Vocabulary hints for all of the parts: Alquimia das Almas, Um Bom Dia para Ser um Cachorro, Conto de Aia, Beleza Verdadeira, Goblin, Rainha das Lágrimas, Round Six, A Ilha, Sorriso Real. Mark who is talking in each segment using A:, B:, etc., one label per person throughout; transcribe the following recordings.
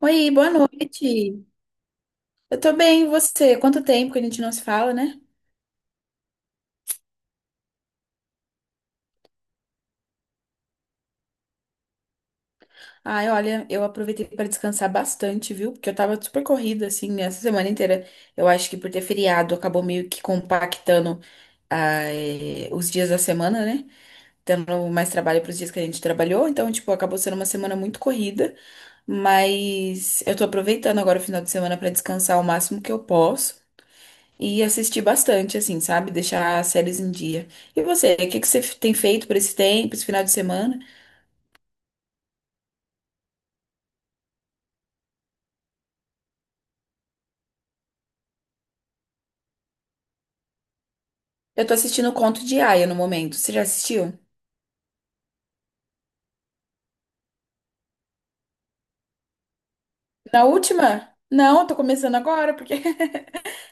A: Oi, boa noite. Eu tô bem, e você? Quanto tempo que a gente não se fala, né? Ai, olha, eu aproveitei para descansar bastante, viu? Porque eu tava super corrida, assim, essa semana inteira. Eu acho que por ter feriado, acabou meio que compactando, os dias da semana, né? Tendo mais trabalho para os dias que a gente trabalhou. Então, tipo, acabou sendo uma semana muito corrida. Mas eu tô aproveitando agora o final de semana para descansar o máximo que eu posso. E assistir bastante, assim, sabe? Deixar as séries em dia. E você, o que que tem feito por esse tempo, esse final de semana? Eu tô assistindo o Conto de Aia no momento. Você já assistiu? Na última? Não, eu tô começando agora, porque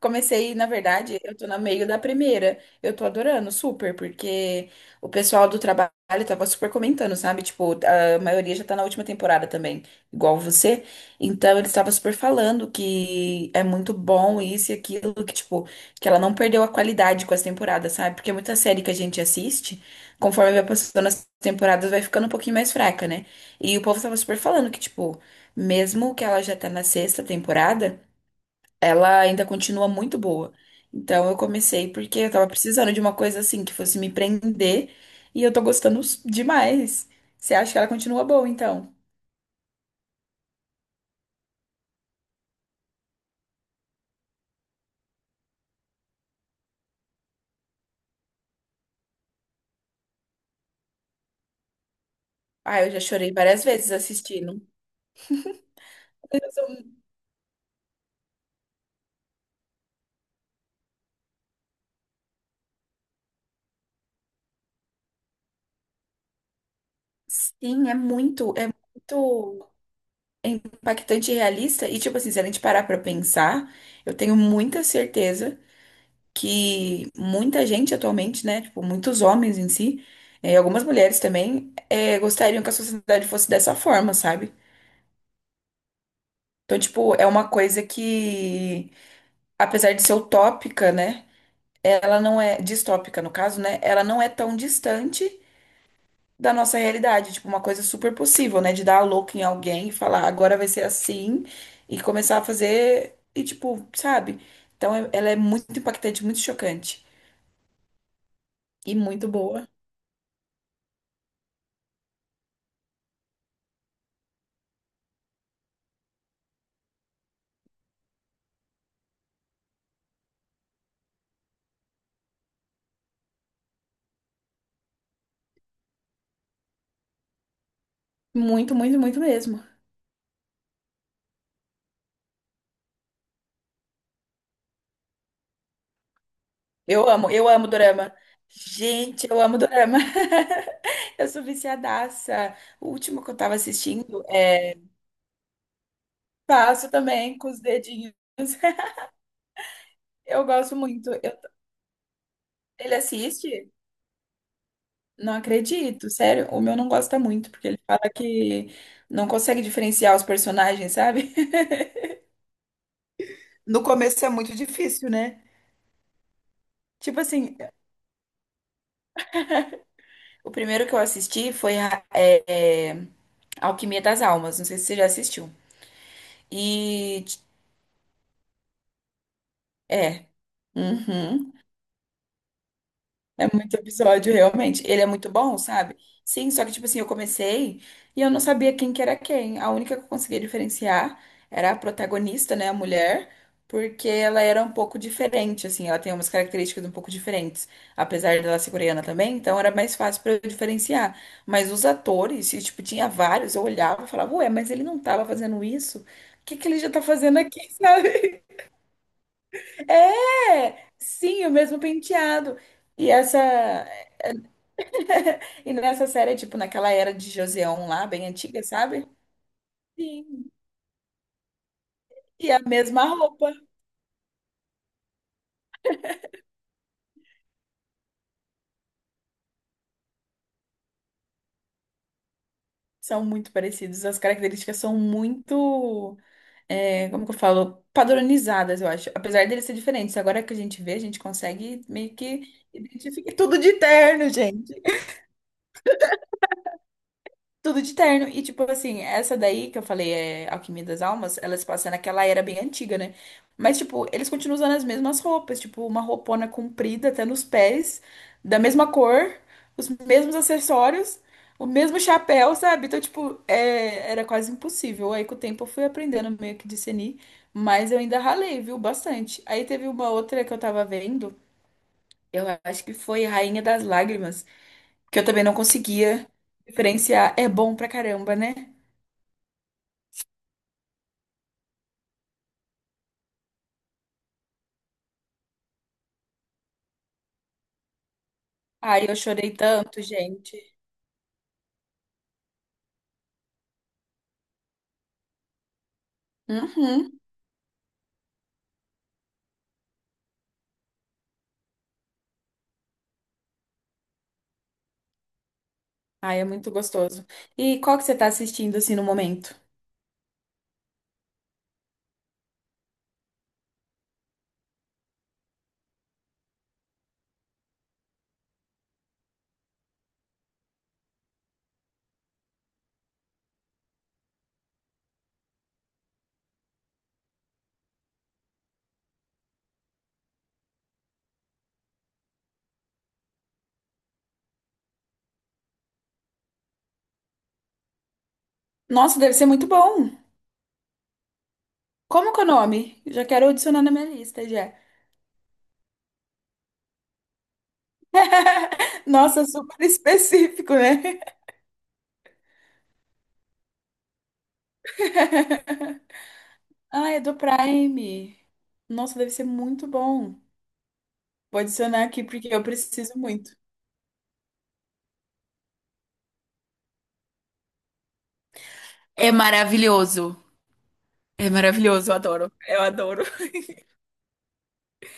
A: comecei, na verdade, eu tô no meio da primeira. Eu tô adorando, super, porque o pessoal do trabalho tava super comentando, sabe? Tipo, a maioria já tá na última temporada também, igual você. Então, eles estavam super falando que é muito bom isso e aquilo, que, tipo, que ela não perdeu a qualidade com as temporadas, sabe? Porque muita série que a gente assiste, conforme vai passando as temporadas, vai ficando um pouquinho mais fraca, né? E o povo tava super falando que, tipo, mesmo que ela já tá na sexta temporada, ela ainda continua muito boa. Então eu comecei porque eu tava precisando de uma coisa assim que fosse me prender e eu tô demais. Você acha que ela continua boa, então? Ah, eu já chorei várias vezes assistindo. Sim, é muito impactante e realista. E, tipo assim, se a gente parar pra pensar, eu tenho muita certeza que muita gente atualmente, né? Tipo, muitos homens em si, algumas mulheres também, gostariam que a sociedade fosse dessa forma, sabe? Então, tipo, é uma coisa que, apesar de ser utópica, né? Ela não é, distópica no caso, né? Ela não é tão distante da nossa realidade. Tipo, uma coisa super possível, né? De dar a louca em alguém e falar, agora vai ser assim, e começar a fazer, e tipo, sabe? Então, ela é muito impactante, muito chocante. E muito boa. Muito, muito, muito mesmo. Eu amo dorama. Gente, eu amo dorama. Eu sou viciadaça. O último que eu tava assistindo é... Faço também com os dedinhos. Eu gosto muito. Ele assiste? Não acredito, sério. O meu não gosta muito, porque ele fala que não consegue diferenciar os personagens, sabe? No começo é muito difícil, né? Tipo assim, o primeiro que eu assisti foi Alquimia das Almas. Não sei se você já assistiu. E. É. Uhum. É muito episódio, realmente. Ele é muito bom, sabe? Sim, só que, tipo assim, eu comecei e eu não sabia quem que era quem. A única que eu conseguia diferenciar era a protagonista, né, a mulher, porque ela era um pouco diferente, assim, ela tem umas características um pouco diferentes, apesar dela ser coreana também, então era mais fácil pra eu diferenciar. Mas os atores, e, tipo, tinha vários, eu olhava e falava, ué, mas ele não tava fazendo isso? O que que ele já tá fazendo aqui, sabe? É! Sim, o mesmo penteado. E essa. E nessa série, é tipo, naquela era de Joseon lá, bem antiga, sabe? Sim. E a mesma roupa. São muito parecidos. As características são muito, é, como que eu falo? Padronizadas, eu acho. Apesar deles ser diferentes. Agora que a gente vê, a gente consegue meio que identificar tudo de terno, gente. Tudo de terno. E, tipo assim, essa daí que eu falei, é Alquimia das Almas, ela se passa naquela era bem antiga, né? Mas, tipo, eles continuam usando as mesmas roupas, tipo, uma roupona comprida até nos pés, da mesma cor, os mesmos acessórios, o mesmo chapéu, sabe? Então, tipo, é, era quase impossível. Aí, com o tempo, eu fui aprendendo meio que discernir, mas eu ainda ralei, viu? Bastante. Aí teve uma outra que eu tava vendo, eu acho que foi Rainha das Lágrimas, que eu também não conseguia diferenciar. É bom pra caramba, né? Ai, eu chorei tanto, gente. Uhum. Ai, é muito gostoso. E qual que você tá assistindo assim no momento? Nossa, deve ser muito bom. Como que é o nome? Já quero adicionar na minha lista já. Nossa, super específico, né? Ah, é do Prime. Nossa, deve ser muito bom. Vou adicionar aqui porque eu preciso muito. É maravilhoso. É maravilhoso, eu adoro. Eu adoro.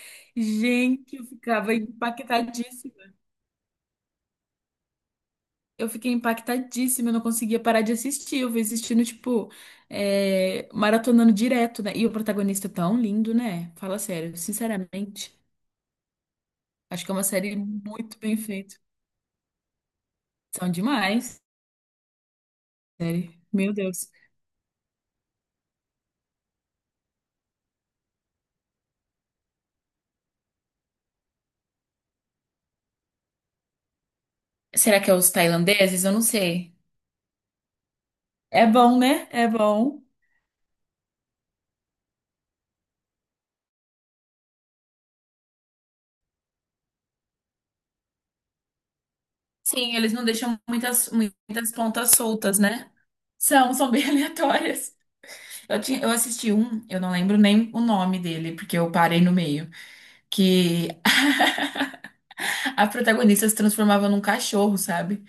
A: Gente, eu ficava impactadíssima. Eu fiquei impactadíssima, eu não conseguia parar de assistir. Eu fui assistindo, tipo, maratonando direto, né? E o protagonista é tão lindo, né? Fala sério, sinceramente. Acho que é uma série muito bem feita. São demais, série. Meu Deus. Será que é os tailandeses? Eu não sei. É bom, né? É bom. Sim, eles não deixam muitas pontas soltas, né? São bem aleatórias. Eu assisti um, eu não lembro nem o nome dele, porque eu parei no meio, que a protagonista se transformava num cachorro, sabe?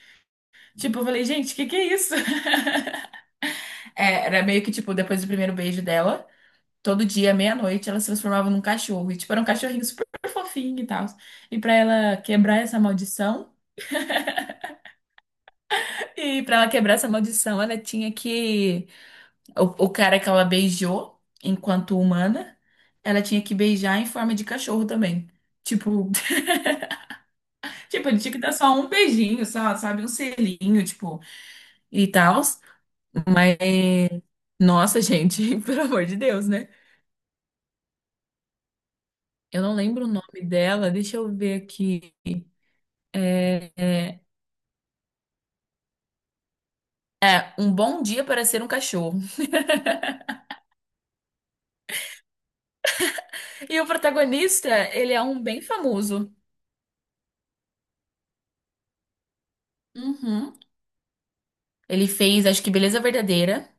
A: Tipo, eu falei, gente, o que que é isso? É, era meio que, tipo, depois do primeiro beijo dela, todo dia, meia-noite, ela se transformava num cachorro. E, tipo, era um cachorrinho super fofinho e tal. E pra ela quebrar essa maldição, e pra ela quebrar essa maldição, ela tinha que. O cara que ela beijou enquanto humana, ela tinha que beijar em forma de cachorro também. Tipo, tipo, ele tinha que dar só um beijinho, só, sabe? Um selinho, tipo, e tal. Mas... Nossa, gente, pelo amor de Deus, né? Eu não lembro o nome dela, deixa eu ver aqui. É, é, Um Bom Dia para Ser um Cachorro. E o protagonista, ele é um bem famoso. Uhum. Ele fez, acho que Beleza Verdadeira.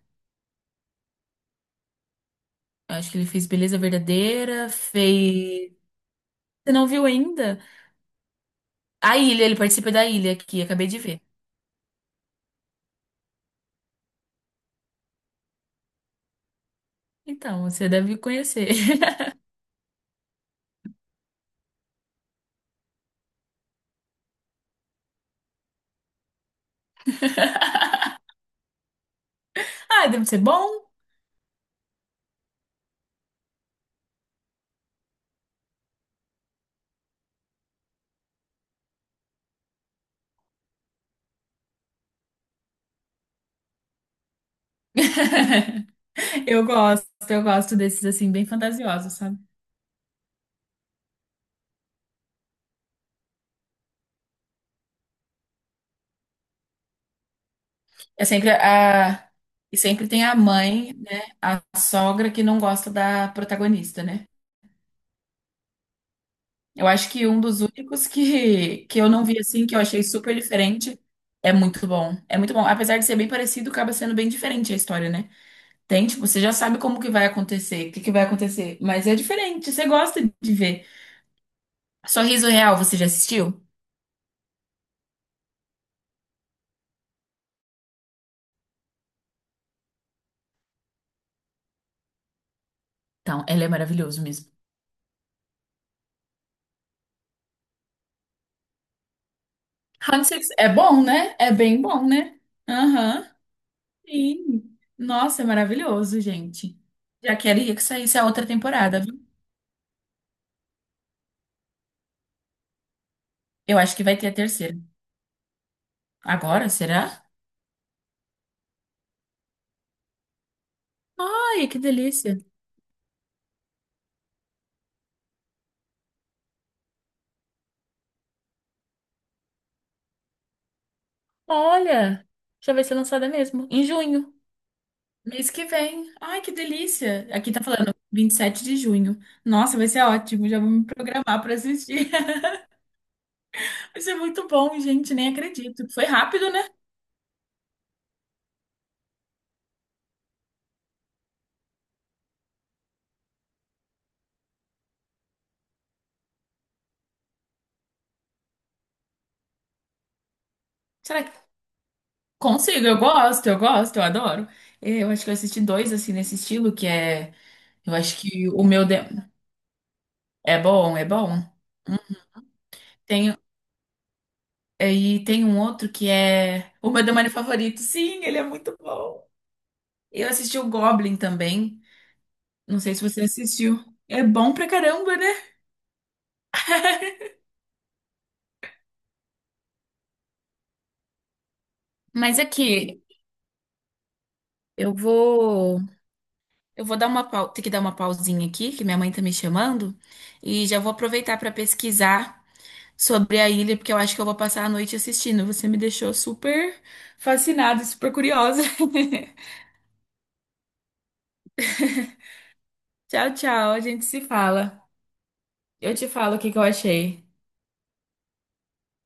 A: Acho que ele fez Beleza Verdadeira, fez. Você não viu ainda? A Ilha, ele participa da Ilha aqui, acabei de ver. Então, você deve conhecer. Ah, deve ser bom. Eu gosto desses assim, bem fantasiosos, sabe? É sempre a. E sempre tem a mãe, né? A sogra que não gosta da protagonista, né? Eu acho que um dos únicos que eu não vi assim, que eu achei super diferente, é muito bom. É muito bom. Apesar de ser bem parecido, acaba sendo bem diferente a história, né? Tem, tipo, você já sabe como que vai acontecer, o que que vai acontecer. Mas é diferente, você gosta de ver. Sorriso Real, você já assistiu? Então, ela é maravilhoso mesmo. Round Six é bom, né? É bem bom, né? Aham. Sim. Nossa, é maravilhoso, gente. Já queria que saísse a outra temporada, viu? Eu acho que vai ter a terceira. Agora, será? Ai, que delícia. Olha, já vai ser lançada mesmo, em junho. Mês que vem. Ai, que delícia. Aqui tá falando 27 de junho. Nossa, vai ser ótimo. Já vou me programar pra assistir. Vai ser muito bom, gente. Nem acredito. Foi rápido, né? Será que consigo? Eu gosto, eu adoro. É, eu acho que eu assisti dois, assim, nesse estilo, que é. Eu acho que o meu. É bom, é bom. Tem, é, e tem um outro que é o meu demônio favorito. Sim, ele é muito bom. Eu assisti o Goblin também. Não sei se você assistiu. É bom pra caramba, né? Mas aqui, eu vou, eu vou ter que dar uma pausinha aqui, que minha mãe tá me chamando, e já vou aproveitar pra pesquisar sobre a ilha, porque eu acho que eu vou passar a noite assistindo. Você me deixou super fascinada, super curiosa. Tchau, tchau, a gente se fala. Eu te falo o que que eu achei.